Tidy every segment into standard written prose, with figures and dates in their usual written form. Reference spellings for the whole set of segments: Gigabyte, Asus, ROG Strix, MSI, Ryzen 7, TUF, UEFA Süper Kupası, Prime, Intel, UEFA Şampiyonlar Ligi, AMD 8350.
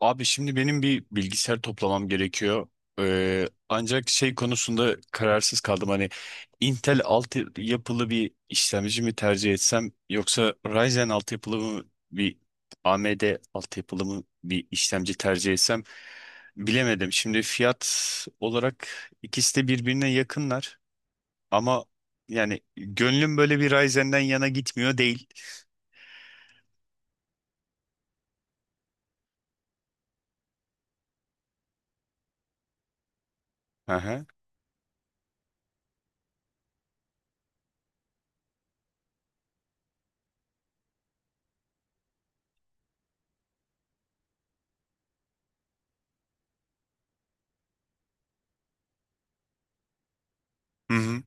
Abi şimdi benim bir bilgisayar toplamam gerekiyor. Ancak şey konusunda kararsız kaldım. Hani Intel altı yapılı bir işlemci mi tercih etsem yoksa Ryzen altı yapılı mı bir AMD altı yapılı mı bir işlemci tercih etsem bilemedim. Şimdi fiyat olarak ikisi de birbirine yakınlar ama yani gönlüm böyle bir Ryzen'den yana gitmiyor değil. Aha. Hı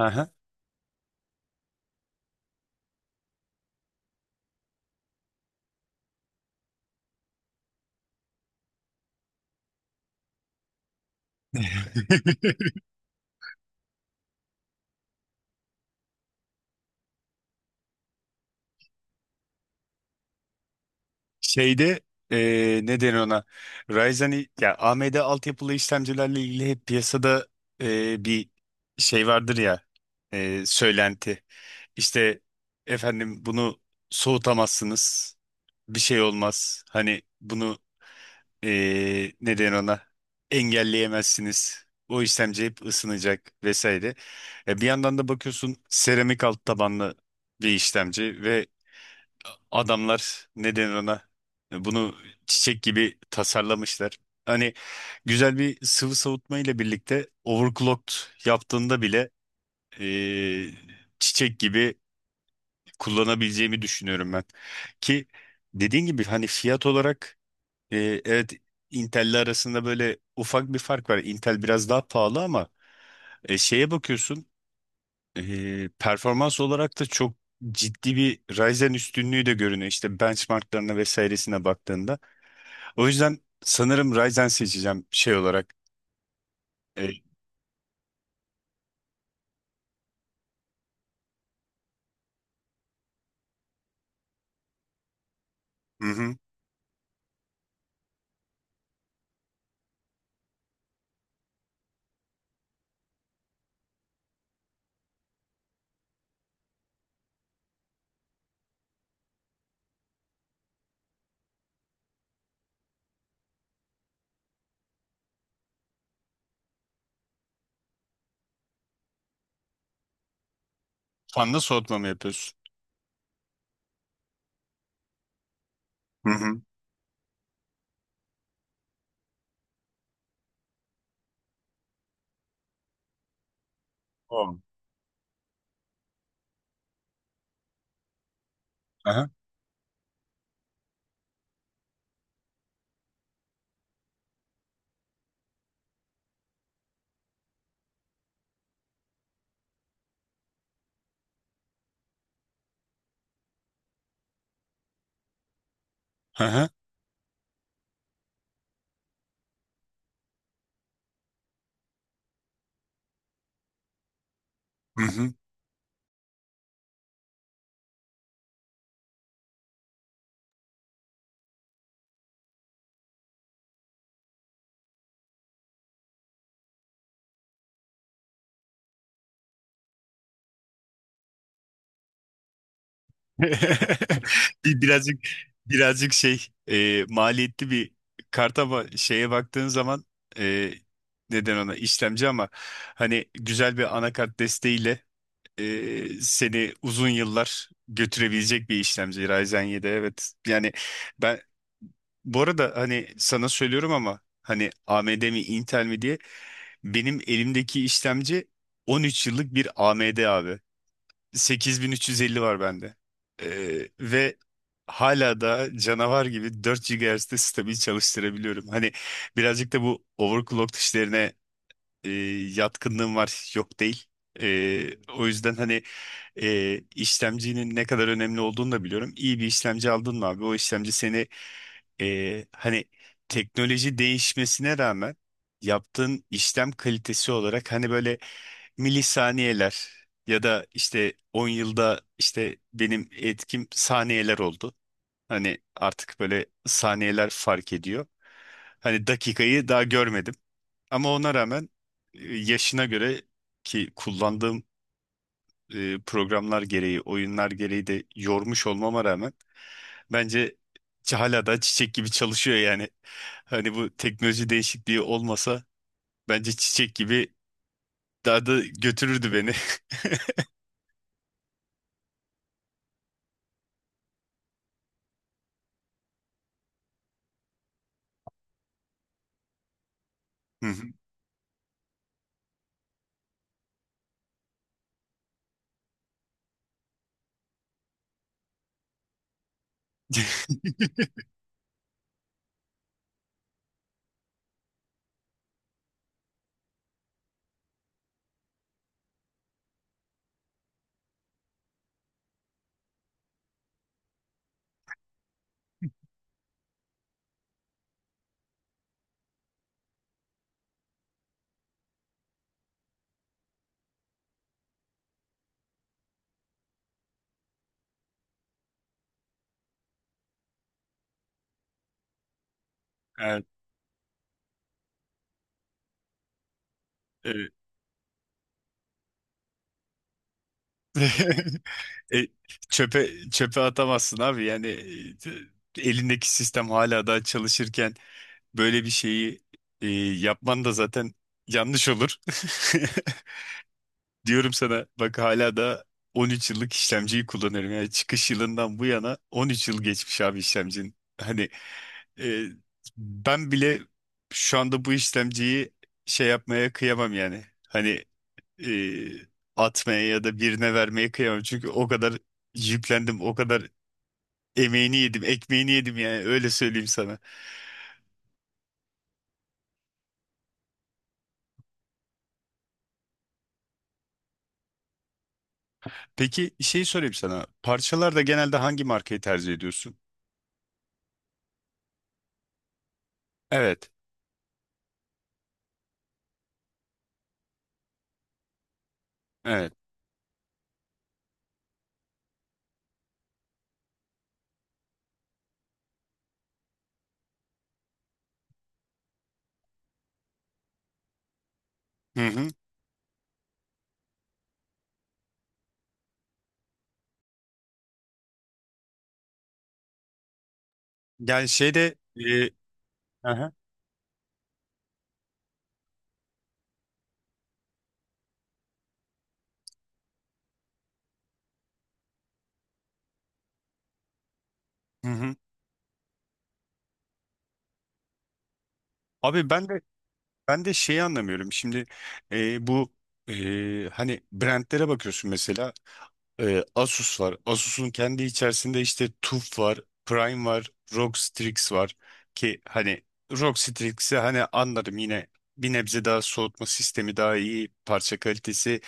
hı. Şeyde ne denir ona? Ryzen ya AMD altyapılı işlemcilerle ilgili hep piyasada bir şey vardır ya, söylenti. İşte efendim bunu soğutamazsınız. Bir şey olmaz. Hani bunu ne denir ona? Engelleyemezsiniz. O işlemci hep ısınacak vesaire. Bir yandan da bakıyorsun seramik alt tabanlı bir işlemci ve adamlar ne denir ona bunu çiçek gibi tasarlamışlar. Hani güzel bir sıvı soğutma ile birlikte overclocked yaptığında bile eee, çiçek gibi kullanabileceğimi düşünüyorum ben. Ki dediğin gibi hani fiyat olarak, evet, Intel'le arasında böyle ufak bir fark var. Intel biraz daha pahalı ama şeye bakıyorsun, performans olarak da çok ciddi bir Ryzen üstünlüğü de görünüyor. İşte benchmarklarına vesairesine baktığında. O yüzden sanırım Ryzen seçeceğim şey olarak. Ee, hı hı. Fanda soğutma mı yapıyorsun? Hı hı. O. Aha. Aha. Hı hı. Birazcık şey, maliyetli bir kart ama şeye baktığın zaman, e, neden ona işlemci ama hani güzel bir anakart desteğiyle seni uzun yıllar götürebilecek bir işlemci Ryzen 7, evet. Yani ben bu arada hani sana söylüyorum ama hani AMD mi Intel mi diye, benim elimdeki işlemci 13 yıllık bir AMD abi. 8350 var bende. E, Ve hala da canavar gibi 4 GHz'de stabil çalıştırabiliyorum. Hani birazcık da bu overclock işlerine e, yatkınlığım var, yok değil. E, O yüzden hani işlemcinin ne kadar önemli olduğunu da biliyorum. İyi bir işlemci aldın mı abi? O işlemci seni, hani, teknoloji değişmesine rağmen yaptığın işlem kalitesi olarak hani böyle milisaniyeler ya da işte 10 yılda işte benim etkim saniyeler oldu. Hani artık böyle saniyeler fark ediyor. Hani dakikayı daha görmedim. Ama ona rağmen, yaşına göre, ki kullandığım, programlar gereği, oyunlar gereği de yormuş olmama rağmen, bence hala da çiçek gibi çalışıyor yani. Hani bu teknoloji değişikliği olmasa bence çiçek gibi daha da götürürdü beni. Hı hı. Evet, evet. E, çöpe atamazsın abi yani, elindeki sistem hala daha çalışırken böyle bir şeyi, yapman da zaten yanlış olur. Diyorum sana, bak, hala da 13 yıllık işlemciyi kullanıyorum. Yani çıkış yılından bu yana 13 yıl geçmiş abi işlemcinin. Hani, e, ben bile şu anda bu işlemciyi şey yapmaya kıyamam yani. Hani e, atmaya ya da birine vermeye kıyamam. Çünkü o kadar yüklendim, o kadar emeğini yedim, ekmeğini yedim yani, öyle söyleyeyim sana. Peki şey sorayım sana. Parçalarda genelde hangi markayı tercih ediyorsun? Evet, evet. Hı hı. Yani şeyde, e, aha. Hı hı. Abi ben de, şeyi anlamıyorum. Şimdi, bu, hani brandlere bakıyorsun, mesela, Asus var. Asus'un kendi içerisinde işte TUF var, Prime var, ROG Strix var. Ki hani ROG Strix'i hani anlarım yine, bir nebze daha soğutma sistemi daha iyi, parça kalitesi,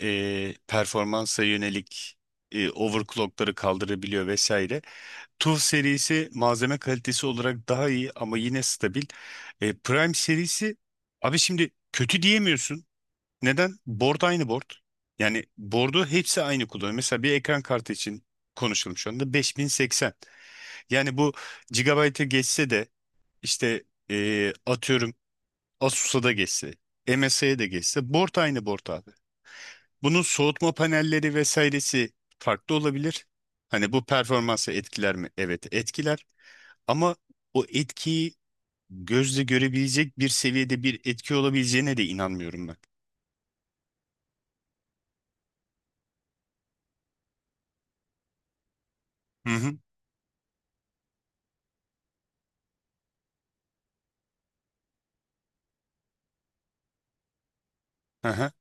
performansa yönelik overclockları kaldırabiliyor vesaire. TUF serisi malzeme kalitesi olarak daha iyi ama yine stabil. Prime serisi, abi şimdi kötü diyemiyorsun. Neden? Board aynı board. Yani board'u hepsi aynı kullanıyor. Mesela bir ekran kartı için konuşalım şu anda 5080. Yani bu gigabyte'e geçse de, işte, atıyorum, Asus'a da geçse, MSI'ye de geçse, board aynı board abi. Bunun soğutma panelleri vesairesi farklı olabilir. Hani bu performansı etkiler mi? Evet, etkiler. Ama o etkiyi gözle görebilecek bir seviyede bir etki olabileceğine de inanmıyorum ben. Hı hı. Hı hı.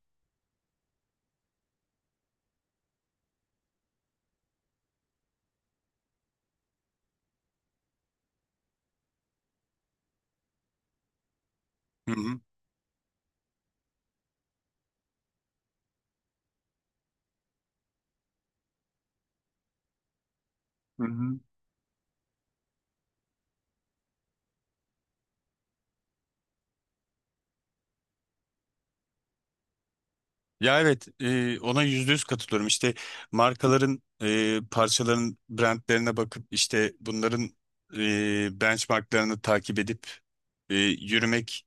Hı hı. Hı hı. Ya evet, ona %100 katılıyorum. İşte markaların, parçaların brandlerine bakıp işte bunların, benchmarklarını takip edip, yürümek,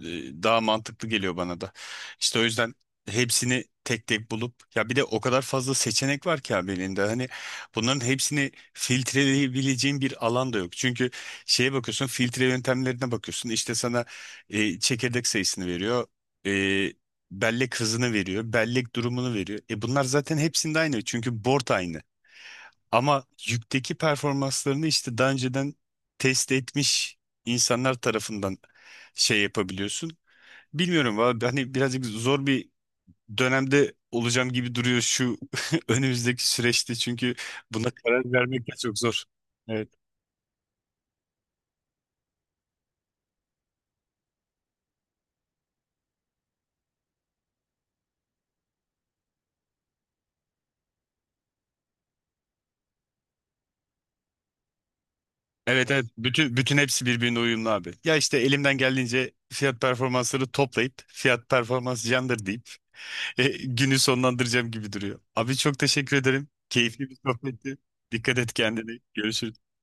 daha mantıklı geliyor bana da. İşte o yüzden hepsini tek tek bulup, ya bir de o kadar fazla seçenek var ki abi elinde. Hani bunların hepsini filtreleyebileceğin bir alan da yok. Çünkü şeye bakıyorsun, filtre yöntemlerine bakıyorsun. İşte sana çekirdek sayısını veriyor. E, Bellek hızını veriyor. Bellek durumunu veriyor. Bunlar zaten hepsinde aynı. Çünkü board aynı. Ama yükteki performanslarını işte daha önceden test etmiş insanlar tarafından şey yapabiliyorsun. Bilmiyorum valla, hani birazcık zor bir dönemde olacağım gibi duruyor şu önümüzdeki süreçte, çünkü buna karar vermek de çok zor. Evet. Evet, evet, bütün hepsi birbirine uyumlu abi. Ya işte elimden geldiğince fiyat performansları toplayıp fiyat performans candır deyip günü sonlandıracağım gibi duruyor. Abi çok teşekkür ederim. Keyifli bir sohbetti. Dikkat et kendine. Görüşürüz.